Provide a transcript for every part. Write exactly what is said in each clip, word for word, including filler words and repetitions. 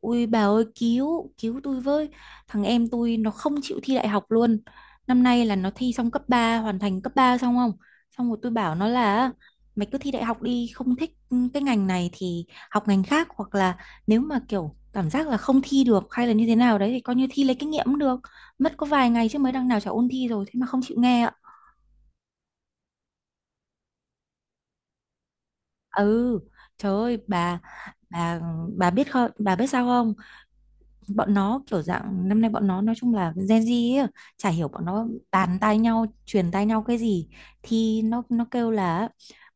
Ui bà ơi cứu, cứu tôi với. Thằng em tôi nó không chịu thi đại học luôn. Năm nay là nó thi xong cấp ba hoàn thành cấp ba xong không? Xong rồi tôi bảo nó là mày cứ thi đại học đi, không thích cái ngành này thì học ngành khác, hoặc là nếu mà kiểu cảm giác là không thi được hay là như thế nào đấy thì coi như thi lấy kinh nghiệm cũng được. Mất có vài ngày chứ, mới đằng nào chả ôn thi rồi, thế mà không chịu nghe ạ. Ừ, trời ơi bà, bà bà biết không, bà biết sao không? Bọn nó kiểu dạng năm nay bọn nó nói chung là Gen Z ấy, chả hiểu bọn nó tán tai nhau truyền tai nhau cái gì thì nó nó kêu là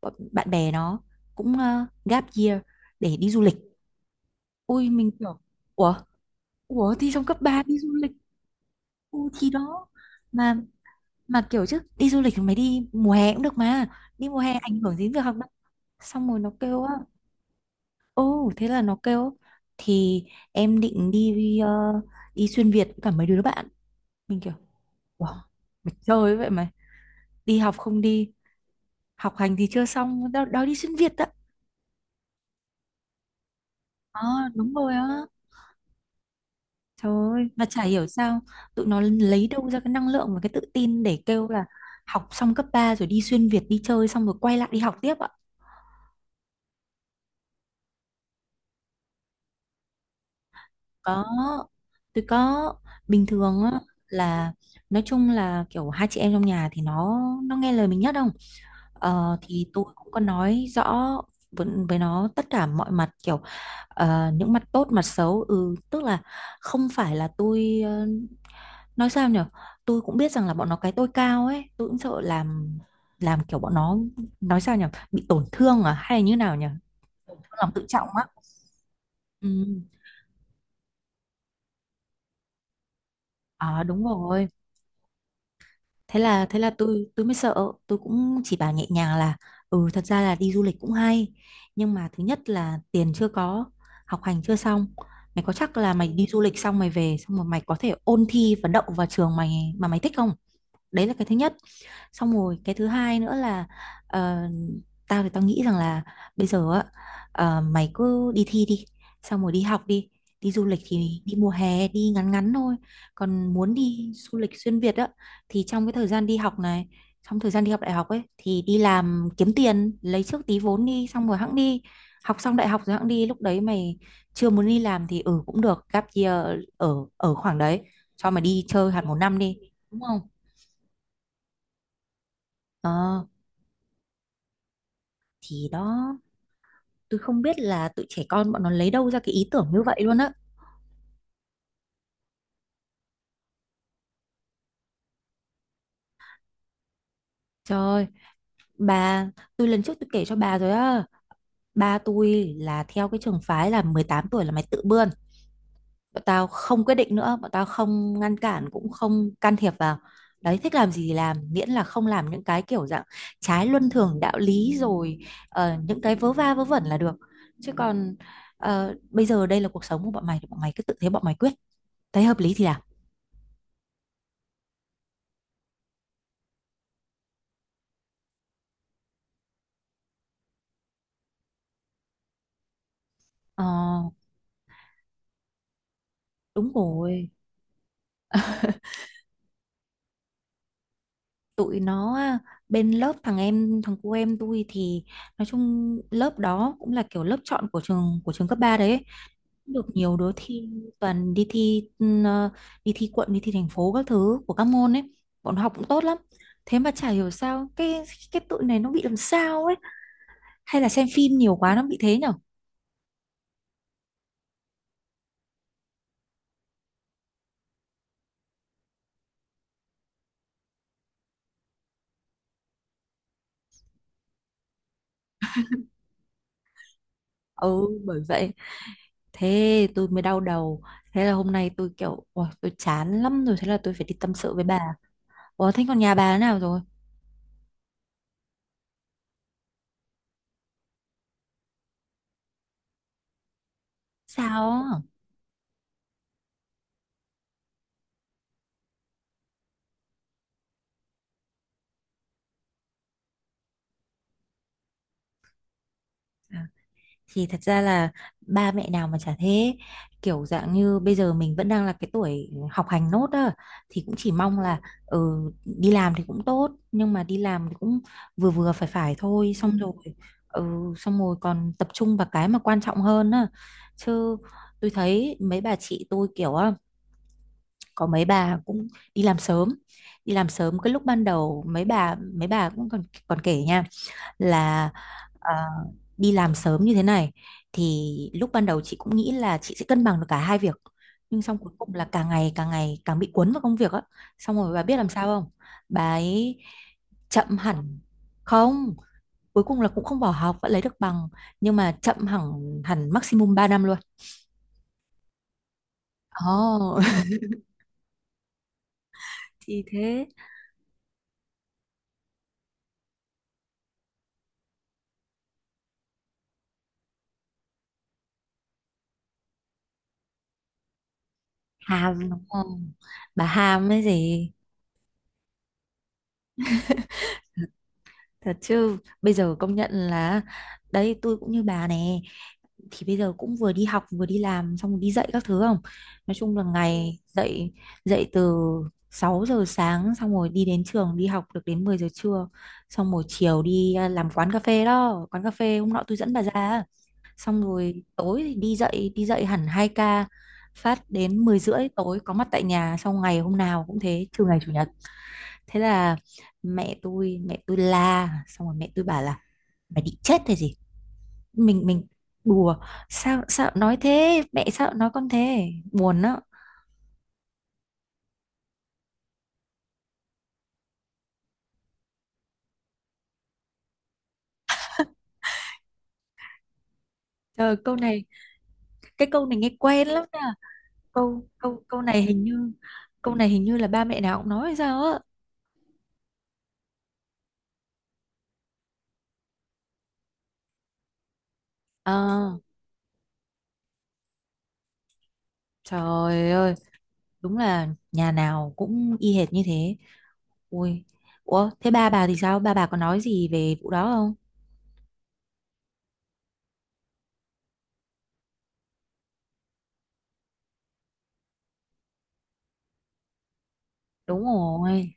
bọn bạn bè nó cũng ờ, gap year để đi du lịch. Ui mình kiểu ủa, ủa thì trong cấp ba đi du lịch. Ui thì đó, mà mà kiểu chứ đi du lịch thì mày đi mùa hè cũng được mà, đi mùa hè ảnh hưởng gì đến việc học đâu. Xong rồi nó kêu á, ô thế là nó kêu thì em định đi ờ, đi xuyên Việt với cả mấy đứa bạn. Mình kiểu wow, mày chơi vậy mày. Đi học không đi, học hành thì chưa xong, đòi, đòi đi xuyên Việt đó. Ờ, đúng rồi á. Trời ơi, mà chả hiểu sao tụi nó lấy đâu ra cái năng lượng và cái tự tin để kêu là học xong cấp ba rồi đi xuyên Việt đi chơi xong rồi quay lại đi học tiếp ạ. Có, tôi có, bình thường á là nói chung là kiểu hai chị em trong nhà thì nó nó nghe lời mình nhất không? Ờ, thì tôi cũng có nói rõ với, với nó tất cả mọi mặt, kiểu ờ, những mặt tốt mặt xấu, ừ tức là không phải là tôi, ờ, nói sao nhở, tôi cũng biết rằng là bọn nó cái tôi cao ấy, tôi cũng sợ làm làm kiểu bọn nó, nói sao nhở, bị tổn thương à hay là như nào nhở, tổn thương lòng tự trọng á, ừ. À đúng rồi, thế là thế là tôi tôi mới sợ, tôi cũng chỉ bảo nhẹ nhàng là ừ, thật ra là đi du lịch cũng hay, nhưng mà thứ nhất là tiền chưa có, học hành chưa xong, mày có chắc là mày đi du lịch xong mày về xong rồi mày có thể ôn thi và đậu vào trường mày mà mày thích không. Đấy là cái thứ nhất. Xong rồi cái thứ hai nữa là, ờ, tao thì tao nghĩ rằng là bây giờ á, ờ, mày cứ đi thi đi, xong rồi đi học đi, đi du lịch thì đi mùa hè, đi ngắn ngắn thôi. Còn muốn đi du lịch xuyên Việt á thì trong cái thời gian đi học này, trong thời gian đi học đại học ấy thì đi làm kiếm tiền lấy trước tí vốn đi, xong rồi hẵng đi. Học xong đại học rồi hẵng đi, lúc đấy mày chưa muốn đi làm thì ừ cũng được, gap year ở ở khoảng đấy, cho mày đi chơi hạt một năm đi, đúng không. Ờ, thì đó, tôi không biết là tụi trẻ con bọn nó lấy đâu ra cái ý tưởng như vậy luôn á. Trời, bà, tôi lần trước tôi kể cho bà rồi á. Ba tôi là theo cái trường phái là mười tám tuổi là mày tự bươn. Bọn tao không quyết định nữa, bọn tao không ngăn cản cũng không can thiệp vào. Đấy, thích làm gì thì làm, miễn là không làm những cái kiểu dạng trái luân thường đạo lý rồi, ờ, những cái vớ va vớ vẩn là được. Chứ còn ờ, bây giờ đây là cuộc sống của bọn mày thì bọn mày cứ tự, thế bọn mày quyết. Thấy hợp lý thì làm. Ờ, đúng rồi, tụi nó á, bên lớp thằng em, thằng cô em tôi thì nói chung lớp đó cũng là kiểu lớp chọn của trường, của trường cấp ba đấy ấy. Được nhiều đứa thi, toàn đi thi ừm, ờ, đi thi quận đi thi thành phố các thứ của các môn ấy, bọn nó học cũng tốt lắm. Thế mà chả hiểu sao cái cái tụi này nó bị làm sao ấy, hay là xem phim nhiều quá nó bị thế nhở. Ừ bởi vậy, thế tôi mới đau đầu. Thế là hôm nay tôi kiểu ôi tôi chán lắm rồi, thế là tôi phải đi tâm sự với bà. Ủa thế còn nhà bà thế nào rồi? Sao? À, thì thật ra là ba mẹ nào mà chả thế, kiểu dạng như bây giờ mình vẫn đang là cái tuổi học hành nốt á, thì cũng chỉ mong là ừ, đi làm thì cũng tốt nhưng mà đi làm thì cũng vừa vừa phải phải thôi, xong rồi ừ, xong rồi còn tập trung vào cái mà quan trọng hơn á, chứ tôi thấy mấy bà chị tôi kiểu á, có mấy bà cũng đi làm sớm, đi làm sớm cái lúc ban đầu mấy bà mấy bà cũng còn, còn kể nha là ờ, đi làm sớm như thế này thì lúc ban đầu chị cũng nghĩ là chị sẽ cân bằng được cả hai việc, nhưng xong cuối cùng là càng ngày càng ngày càng bị cuốn vào công việc á. Xong rồi bà biết làm sao không? Bà ấy chậm hẳn, không, cuối cùng là cũng không bỏ học, vẫn lấy được bằng, nhưng mà chậm hẳn, hẳn maximum ba năm luôn. Ồ, thì thế, hàm đúng không, bà hàm cái gì. Thật chứ, bây giờ công nhận là, đấy tôi cũng như bà nè. Thì bây giờ cũng vừa đi học vừa đi làm xong rồi đi dạy các thứ không? Nói chung là ngày dậy, dậy từ sáu giờ sáng xong rồi đi đến trường đi học được đến mười giờ trưa. Xong rồi chiều đi à, làm quán cà phê đó, quán cà phê hôm nọ tôi dẫn bà ra. Xong rồi tối thì đi dậy, đi dậy hẳn hai ca, phát đến mười rưỡi tối có mặt tại nhà, xong ngày hôm nào cũng thế trừ ngày chủ nhật. Thế là mẹ tôi mẹ tôi la, xong rồi mẹ tôi bảo là mày định chết hay gì, mình mình đùa, sao sao nói thế, mẹ sao nói con thế buồn đó. Trời câu này, cái câu này nghe quen lắm nha, câu câu câu này hình như, câu này hình như là ba mẹ nào cũng nói hay sao á. Ờ, trời ơi, đúng là nhà nào cũng y hệt như thế. Ui, ủa thế ba bà thì sao, ba bà có nói gì về vụ đó không? Đúng rồi,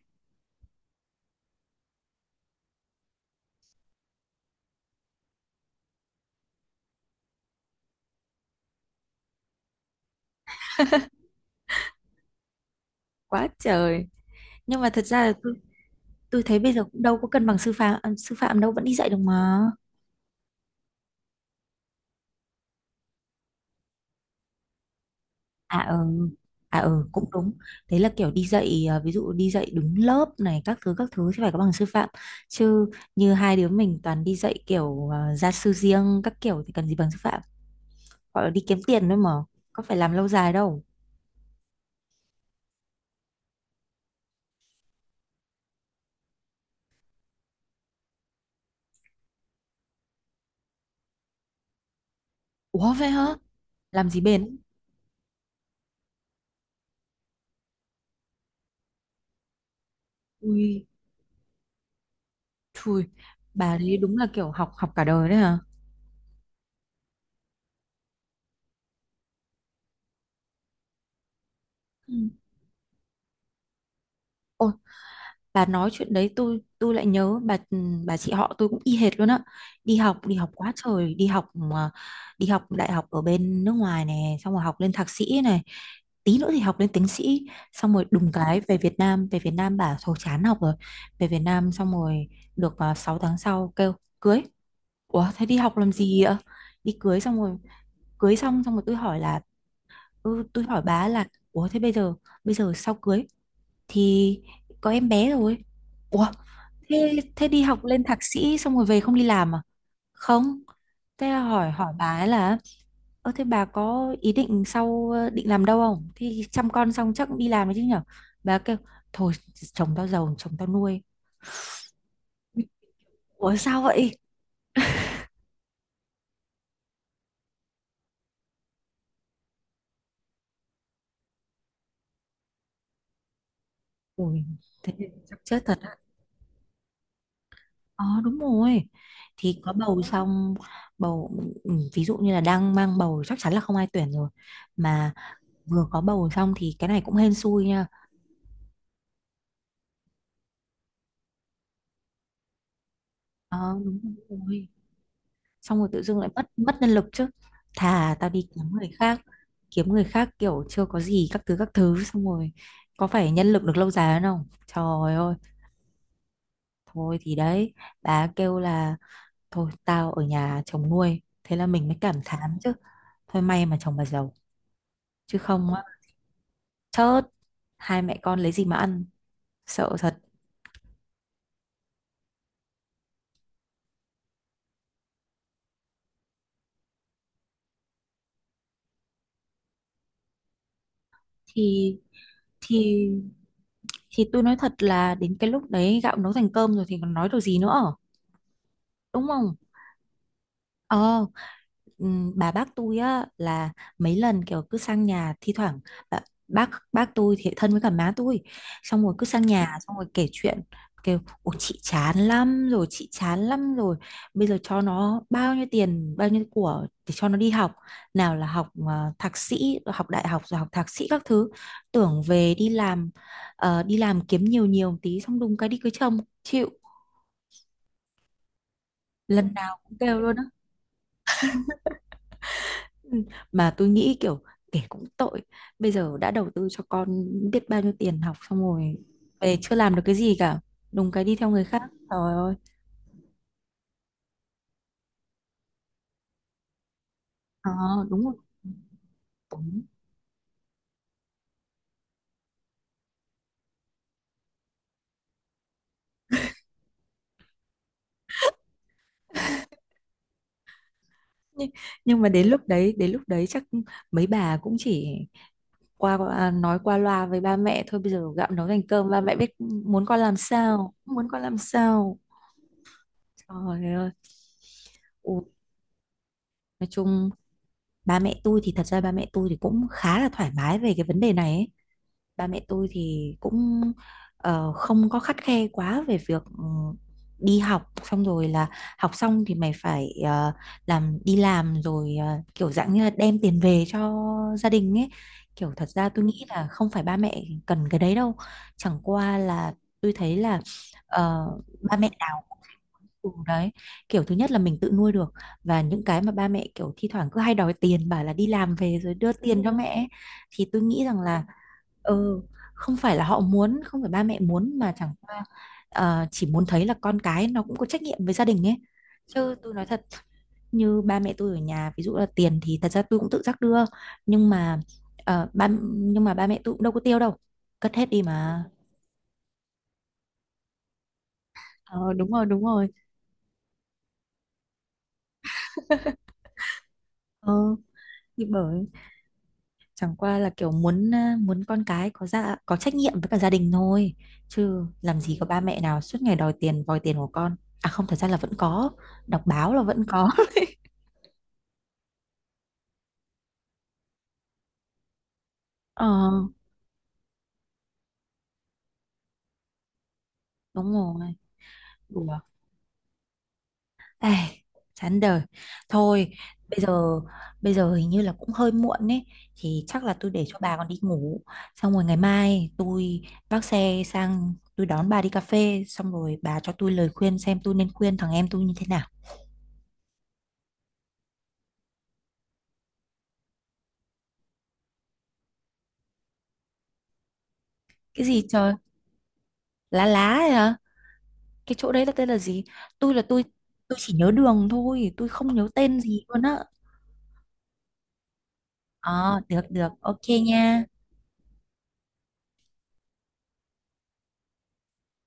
quá trời. Nhưng mà thật ra là tôi tôi thấy bây giờ cũng đâu có cân bằng sư phạm à, sư phạm đâu vẫn đi dạy được mà. À ừ, à ừ cũng đúng. Thế là kiểu đi dạy à, ví dụ đi dạy đứng lớp này các thứ các thứ thì phải có bằng sư phạm, chứ như hai đứa mình toàn đi dạy kiểu à, gia sư riêng các kiểu thì cần gì bằng sư phạm, gọi là đi kiếm tiền thôi mà, có phải làm lâu dài đâu. Ủa vậy hả, làm gì bền. Ui chui, bà đấy đúng là kiểu học học cả đời đấy hả. Ừ. Ôi, bà nói chuyện đấy tôi tôi lại nhớ bà ừ, bà chị họ tôi cũng y hệt luôn á, đi học đi học quá trời đi học mà- đi học đại học ở bên nước ngoài này xong rồi học lên thạc sĩ này, tí nữa thì học lên tiến sĩ, xong rồi đùng cái về Việt Nam, về Việt Nam bà thôi chán học rồi, về Việt Nam xong rồi được uh, sáu tháng sau kêu cưới. Ủa thế đi học làm gì ạ, đi cưới xong rồi, cưới xong xong rồi tôi hỏi là ừ, tôi hỏi bà là ủa thế bây giờ, bây giờ sau cưới thì có em bé rồi. Ủa, thế, thế đi học lên thạc sĩ xong rồi về không đi làm à? Không. Thế là hỏi hỏi bà ấy là ơ thế bà có ý định sau ờ, định làm đâu không? Thì chăm con xong chắc cũng đi làm đấy chứ nhở? Bà kêu thôi, chồng tao giàu chồng tao nuôi. Ủa sao vậy? Ui thế thì chắc chết thật á. Ờ đúng rồi. Thì có bầu xong, bầu, ừ, ví dụ như là đang mang bầu chắc chắn là không ai tuyển rồi. Mà vừa có bầu xong thì cái này cũng hên xui nha. Ờ đúng rồi. Xong rồi tự dưng lại mất mất nhân lực chứ. Thà tao đi kiếm người khác, kiếm người khác kiểu chưa có gì các thứ các thứ xong rồi có phải nhân lực được lâu dài hơn không, trời ơi. Thôi thì đấy, bà kêu là thôi tao ở nhà chồng nuôi, thế là mình mới cảm thán chứ, thôi may mà chồng bà giàu chứ không á, chớt, hai mẹ con lấy gì mà ăn, sợ thật. thì thì thì tôi nói thật là đến cái lúc đấy gạo nấu thành cơm rồi thì còn nói được gì nữa, đúng không? Ờ, ừm, bà bác tôi á là mấy lần kiểu cứ sang nhà thi thoảng, bà, bác bác tôi thì thân với cả má tôi, xong rồi cứ sang nhà xong rồi kể chuyện, kêu ủa chị chán lắm rồi, chị chán lắm rồi, bây giờ cho nó bao nhiêu tiền bao nhiêu của để cho nó đi học, nào là học ờ, thạc sĩ rồi học đại học rồi học thạc sĩ các thứ, tưởng về đi làm, ờ, đi làm kiếm nhiều nhiều tí xong đùng cái đi cưới chồng chịu. Lần nào cũng kêu luôn. Ừ, mà tôi nghĩ kiểu kể cũng tội, bây giờ đã đầu tư cho con biết bao nhiêu tiền học xong rồi về chưa làm được cái gì cả, đúng cái đi theo người khác, trời ơi. Ờ đúng rồi. Đúng. nhưng, nhưng mà đến lúc đấy đến lúc đấy chắc mấy bà cũng chỉ qua qua- à, nói qua loa với ba mẹ thôi, bây giờ gạo nấu thành cơm ba mẹ biết muốn con làm sao muốn con làm sao, trời ơi. Ủa, nói chung ba mẹ tôi thì thật ra ba mẹ tôi thì cũng khá là thoải mái về cái vấn đề này ấy. Ba mẹ tôi thì cũng ờ, không có khắt khe quá về việc ừ, đi học xong rồi là học xong thì mày phải ờ, làm, đi làm rồi ờ, kiểu dạng như là đem tiền về cho gia đình ấy, kiểu thật ra tôi nghĩ là không phải ba mẹ cần cái đấy đâu, chẳng qua là tôi thấy là ờ, ba mẹ nào Ừ, đấy kiểu thứ nhất là mình tự nuôi được và những cái mà ba mẹ kiểu thi thoảng cứ hay đòi tiền bảo là đi làm về rồi đưa tiền cho mẹ ấy, thì tôi nghĩ rằng là ừ, không phải là họ muốn, không phải ba mẹ muốn, mà chẳng qua ờ, chỉ muốn thấy là con cái nó cũng có trách nhiệm với gia đình ấy, chứ tôi nói thật, như ba mẹ tôi ở nhà ví dụ là tiền thì thật ra tôi cũng tự giác đưa, nhưng mà ờ, ba nhưng mà ba mẹ tôi cũng đâu có tiêu đâu, cất hết đi mà. Ờ, đúng rồi, đúng rồi. Ừ, thì bởi chẳng qua là kiểu muốn à, muốn con cái có ra có trách nhiệm với cả gia đình thôi, chứ làm gì có ba mẹ nào suốt ngày đòi tiền vòi tiền của con, à không thật ra là vẫn có, đọc báo là vẫn có. Ờ đúng rồi. Đùa. Ê, chán đời, thôi bây giờ, bây giờ hình như là cũng hơi muộn ấy thì chắc là tôi để cho bà còn đi ngủ, xong rồi ngày mai tôi vác xe sang tôi đón bà đi cà phê xong rồi bà cho tôi lời khuyên xem tôi nên khuyên thằng em tôi như thế nào. Cái gì trời, lá lá ấy hả? Cái chỗ đấy là tên là gì? Tôi là tôi tôi chỉ nhớ đường thôi, tôi không nhớ tên gì luôn á. Ờ, được được, ok nha.